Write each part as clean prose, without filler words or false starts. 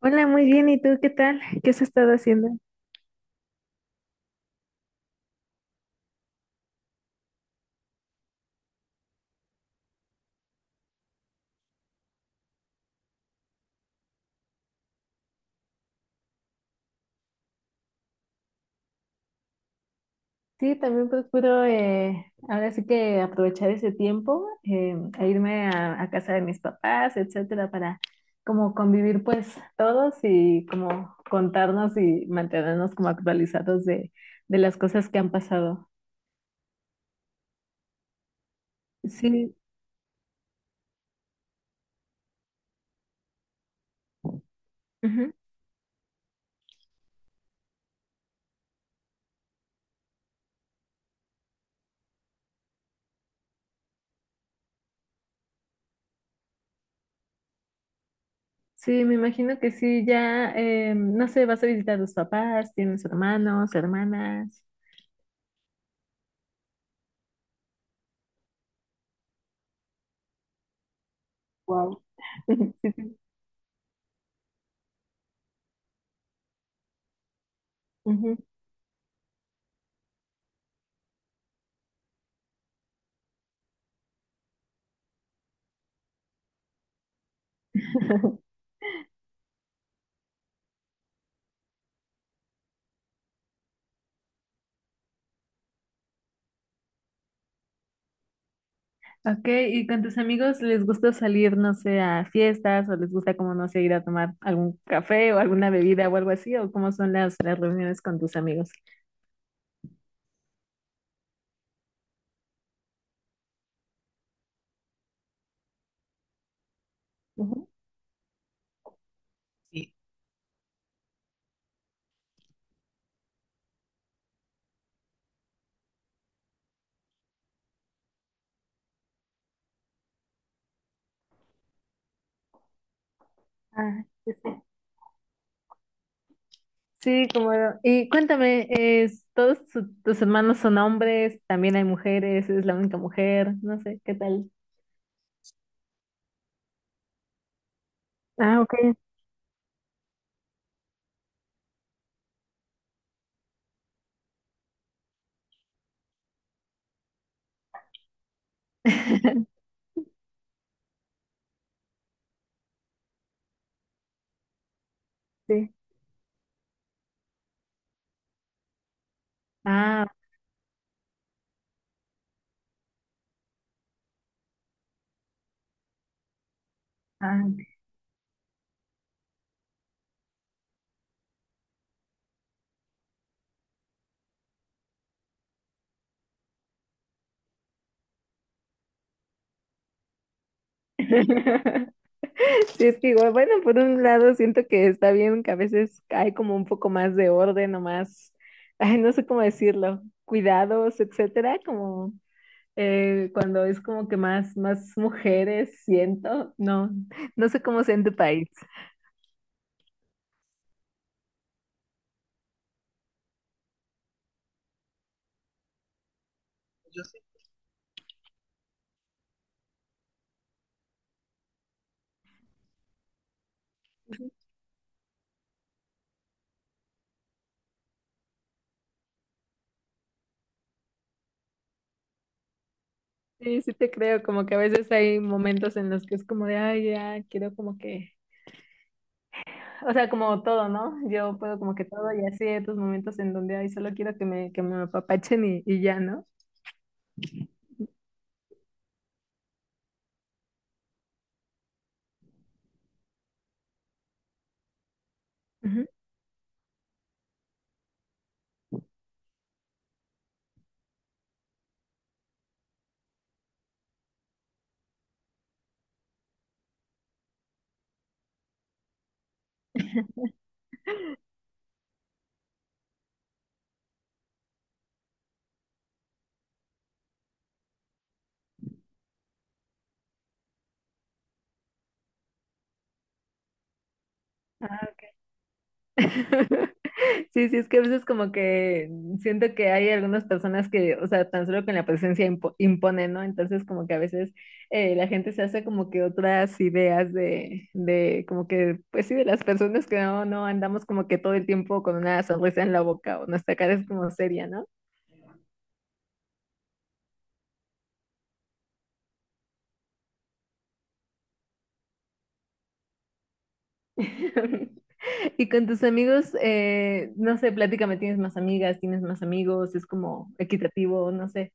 Hola, muy bien. ¿Y tú qué tal? ¿Qué has estado haciendo? Sí, también procuro ahora sí que aprovechar ese tiempo, a irme a casa de mis papás, etcétera, para como convivir pues todos y como contarnos y mantenernos como actualizados de las cosas que han pasado. Sí, ujú. Sí, me imagino que sí, ya, no sé, vas a visitar a tus papás, tienes hermanos, hermanas. Wow. Sí, sí. Ujú. Ok, ¿y con tus amigos les gusta salir, no sé, a fiestas o les gusta como, no sé, ir a tomar algún café o alguna bebida o algo así? ¿O cómo son las reuniones con tus amigos? Ujú. Ah, sí, sí. Sí, como, y cuéntame, es, ¿todos tus hermanos son hombres? ¿También hay mujeres? ¿Es la única mujer? No sé, ¿qué tal? Ah, ok. Sí. Ah, Ah, Sí, es que igual, bueno, por un lado siento que está bien que a veces hay como un poco más de orden o más, ay, no sé cómo decirlo, cuidados, etcétera, como cuando es como que más, más mujeres siento, no, no sé cómo sea en tu país. Sí, sí te creo, como que a veces hay momentos en los que es como de, ay, ya, quiero como que, o sea, como todo, ¿no? Yo puedo como que todo y así hay otros momentos en donde, ay, solo quiero que me apapachen y ya, ¿no? Ujú. Sí, sí, es que a veces como que siento que hay algunas personas que, o sea, tan solo con la presencia impone, ¿no? Entonces como que a veces la gente se hace como que otras ideas de como que, pues sí, de las personas que no, no andamos como que todo el tiempo con una sonrisa en la boca o nuestra cara es como seria, ¿no? Y con tus amigos, no sé, platícame, ¿tienes más amigas, tienes más amigos? ¿Es como equitativo? No sé.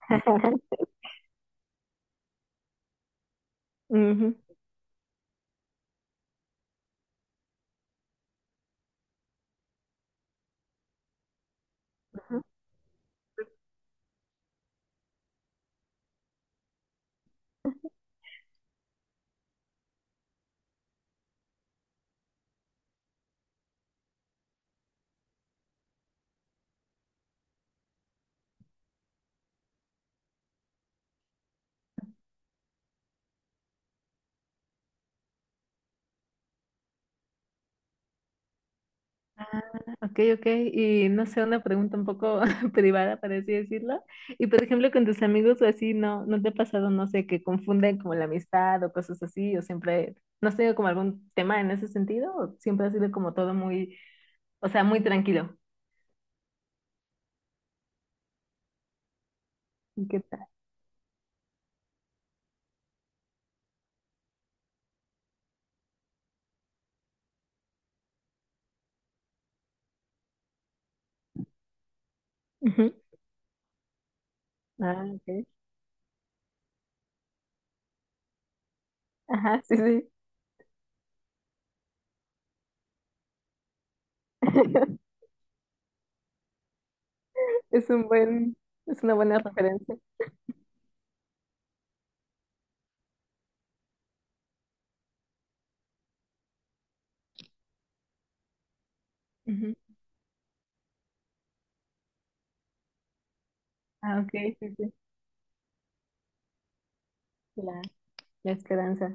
Ujú. Ok, ok, y no sé, una pregunta un poco privada, para así decirlo. Y por ejemplo, con tus amigos o así, ¿no, no te ha pasado, no sé, que confunden como la amistad o cosas así? ¿O siempre, no has tenido como algún tema en ese sentido? ¿O siempre ha sido como todo muy, o sea, muy tranquilo? ¿Y qué tal? Ujú. Ah, ok. Ajá, sí, sí. Es un buen, es una buena referencia. Ujú. Ah, ok, sí, sí. La, la esperanza.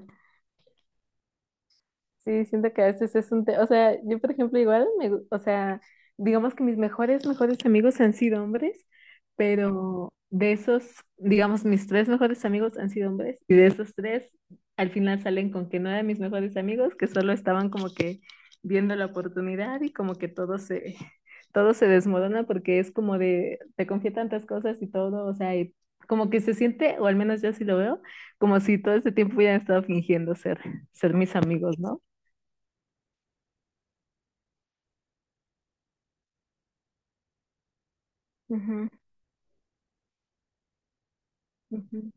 Sí, siento que a veces es un tema, o sea, yo por ejemplo igual, me, o sea, digamos que mis mejores, mejores amigos han sido hombres, pero de esos, digamos, mis tres mejores amigos han sido hombres, y de esos tres, al final salen con que no eran mis mejores amigos, que solo estaban como que viendo la oportunidad y como que todo se desmorona porque es como de, te confía tantas cosas y todo, o sea, y como que se siente, o al menos yo sí lo veo, como si todo este tiempo hubieran estado fingiendo ser, ser mis amigos, ¿no? Ujú, ujú,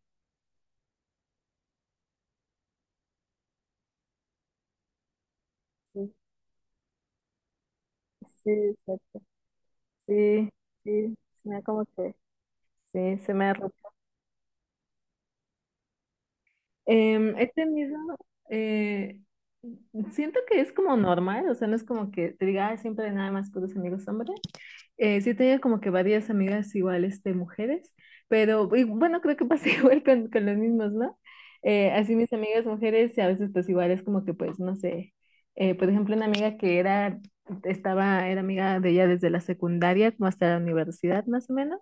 sí, sí, exacto. Sí, sí, se me da como que sí, se me arruga. He tenido, eh, siento que es como normal, o sea, no es como que te diga, "Ay, siempre nada más con los amigos hombres. Sí tenía como que varias amigas iguales de mujeres, pero y bueno, creo que pasa igual con los mismos, ¿no? Así mis amigas mujeres, y a veces pues igual es como que pues, no sé, por ejemplo, una amiga que era, estaba, era amiga de ella desde la secundaria como hasta la universidad más o menos,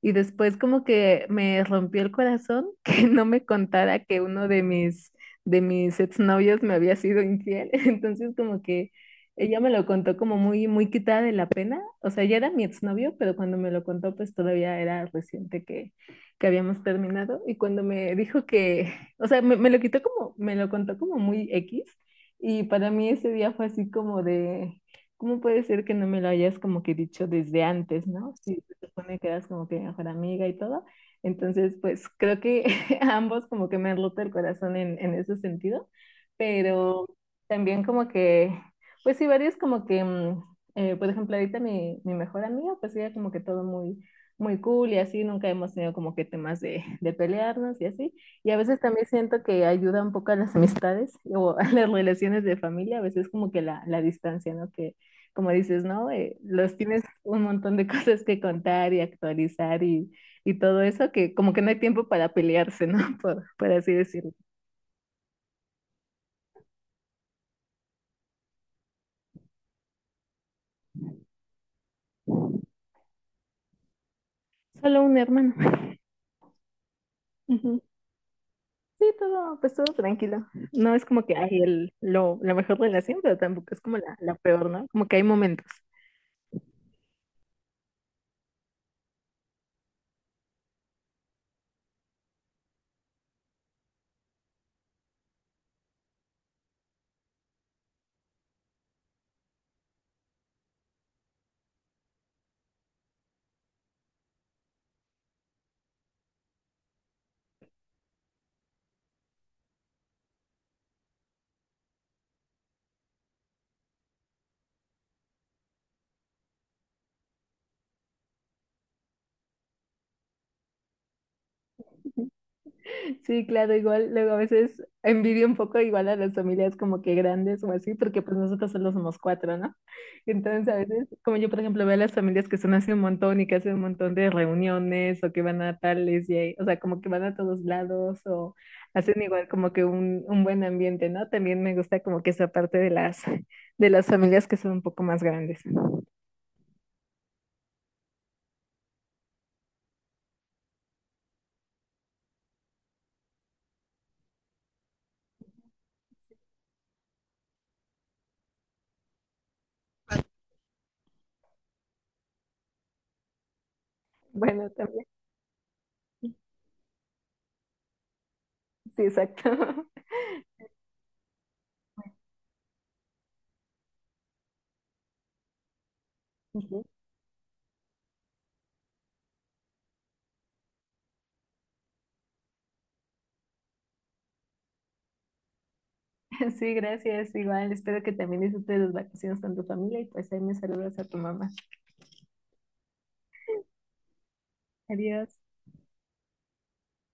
y después como que me rompió el corazón que no me contara que uno de mis exnovios me había sido infiel, entonces como que ella me lo contó como muy, muy quitada de la pena. O sea, ya era mi exnovio, pero cuando me lo contó, pues todavía era reciente que habíamos terminado. Y cuando me dijo que, o sea, me lo quitó como, me lo contó como muy X. Y para mí ese día fue así como de, ¿cómo puede ser que no me lo hayas como que dicho desde antes, ¿no? Si se supone que eras como que mi mejor amiga y todo. Entonces, pues creo que a ambos como que me han roto el corazón en ese sentido. Pero también como que pues sí, varios como que, por ejemplo, ahorita mi, mi mejor amiga, pues ella como que todo muy, muy cool y así, nunca hemos tenido como que temas de, de pelearnos y así. Y a veces también siento que ayuda un poco a las amistades o a las relaciones de familia, a veces como que la distancia, ¿no? Que como dices, ¿no? Los tienes un montón de cosas que contar y actualizar y todo eso, que como que no hay tiempo para pelearse, ¿no? Por así decirlo. Solo un hermano. Sí, todo, pues todo tranquilo. No es como que hay el, lo, la mejor relación, pero tampoco es como la peor, ¿no? Como que hay momentos. Sí, claro, igual, luego a veces envidio un poco igual a las familias como que grandes o así, porque pues nosotros solo somos cuatro, ¿no? Entonces a veces, como yo por ejemplo veo a las familias que son hace un montón y que hacen un montón de reuniones o que van a tales y ahí- o sea, como que van a todos lados o hacen igual como que un buen ambiente, ¿no? También me gusta como que esa parte de las familias que son un poco más grandes. Bueno, también. Sí, exacto. Ujú. Sí, gracias. Igual, espero que también disfrutes las vacaciones con tu familia y pues ahí me saludas a tu mamá. Adiós.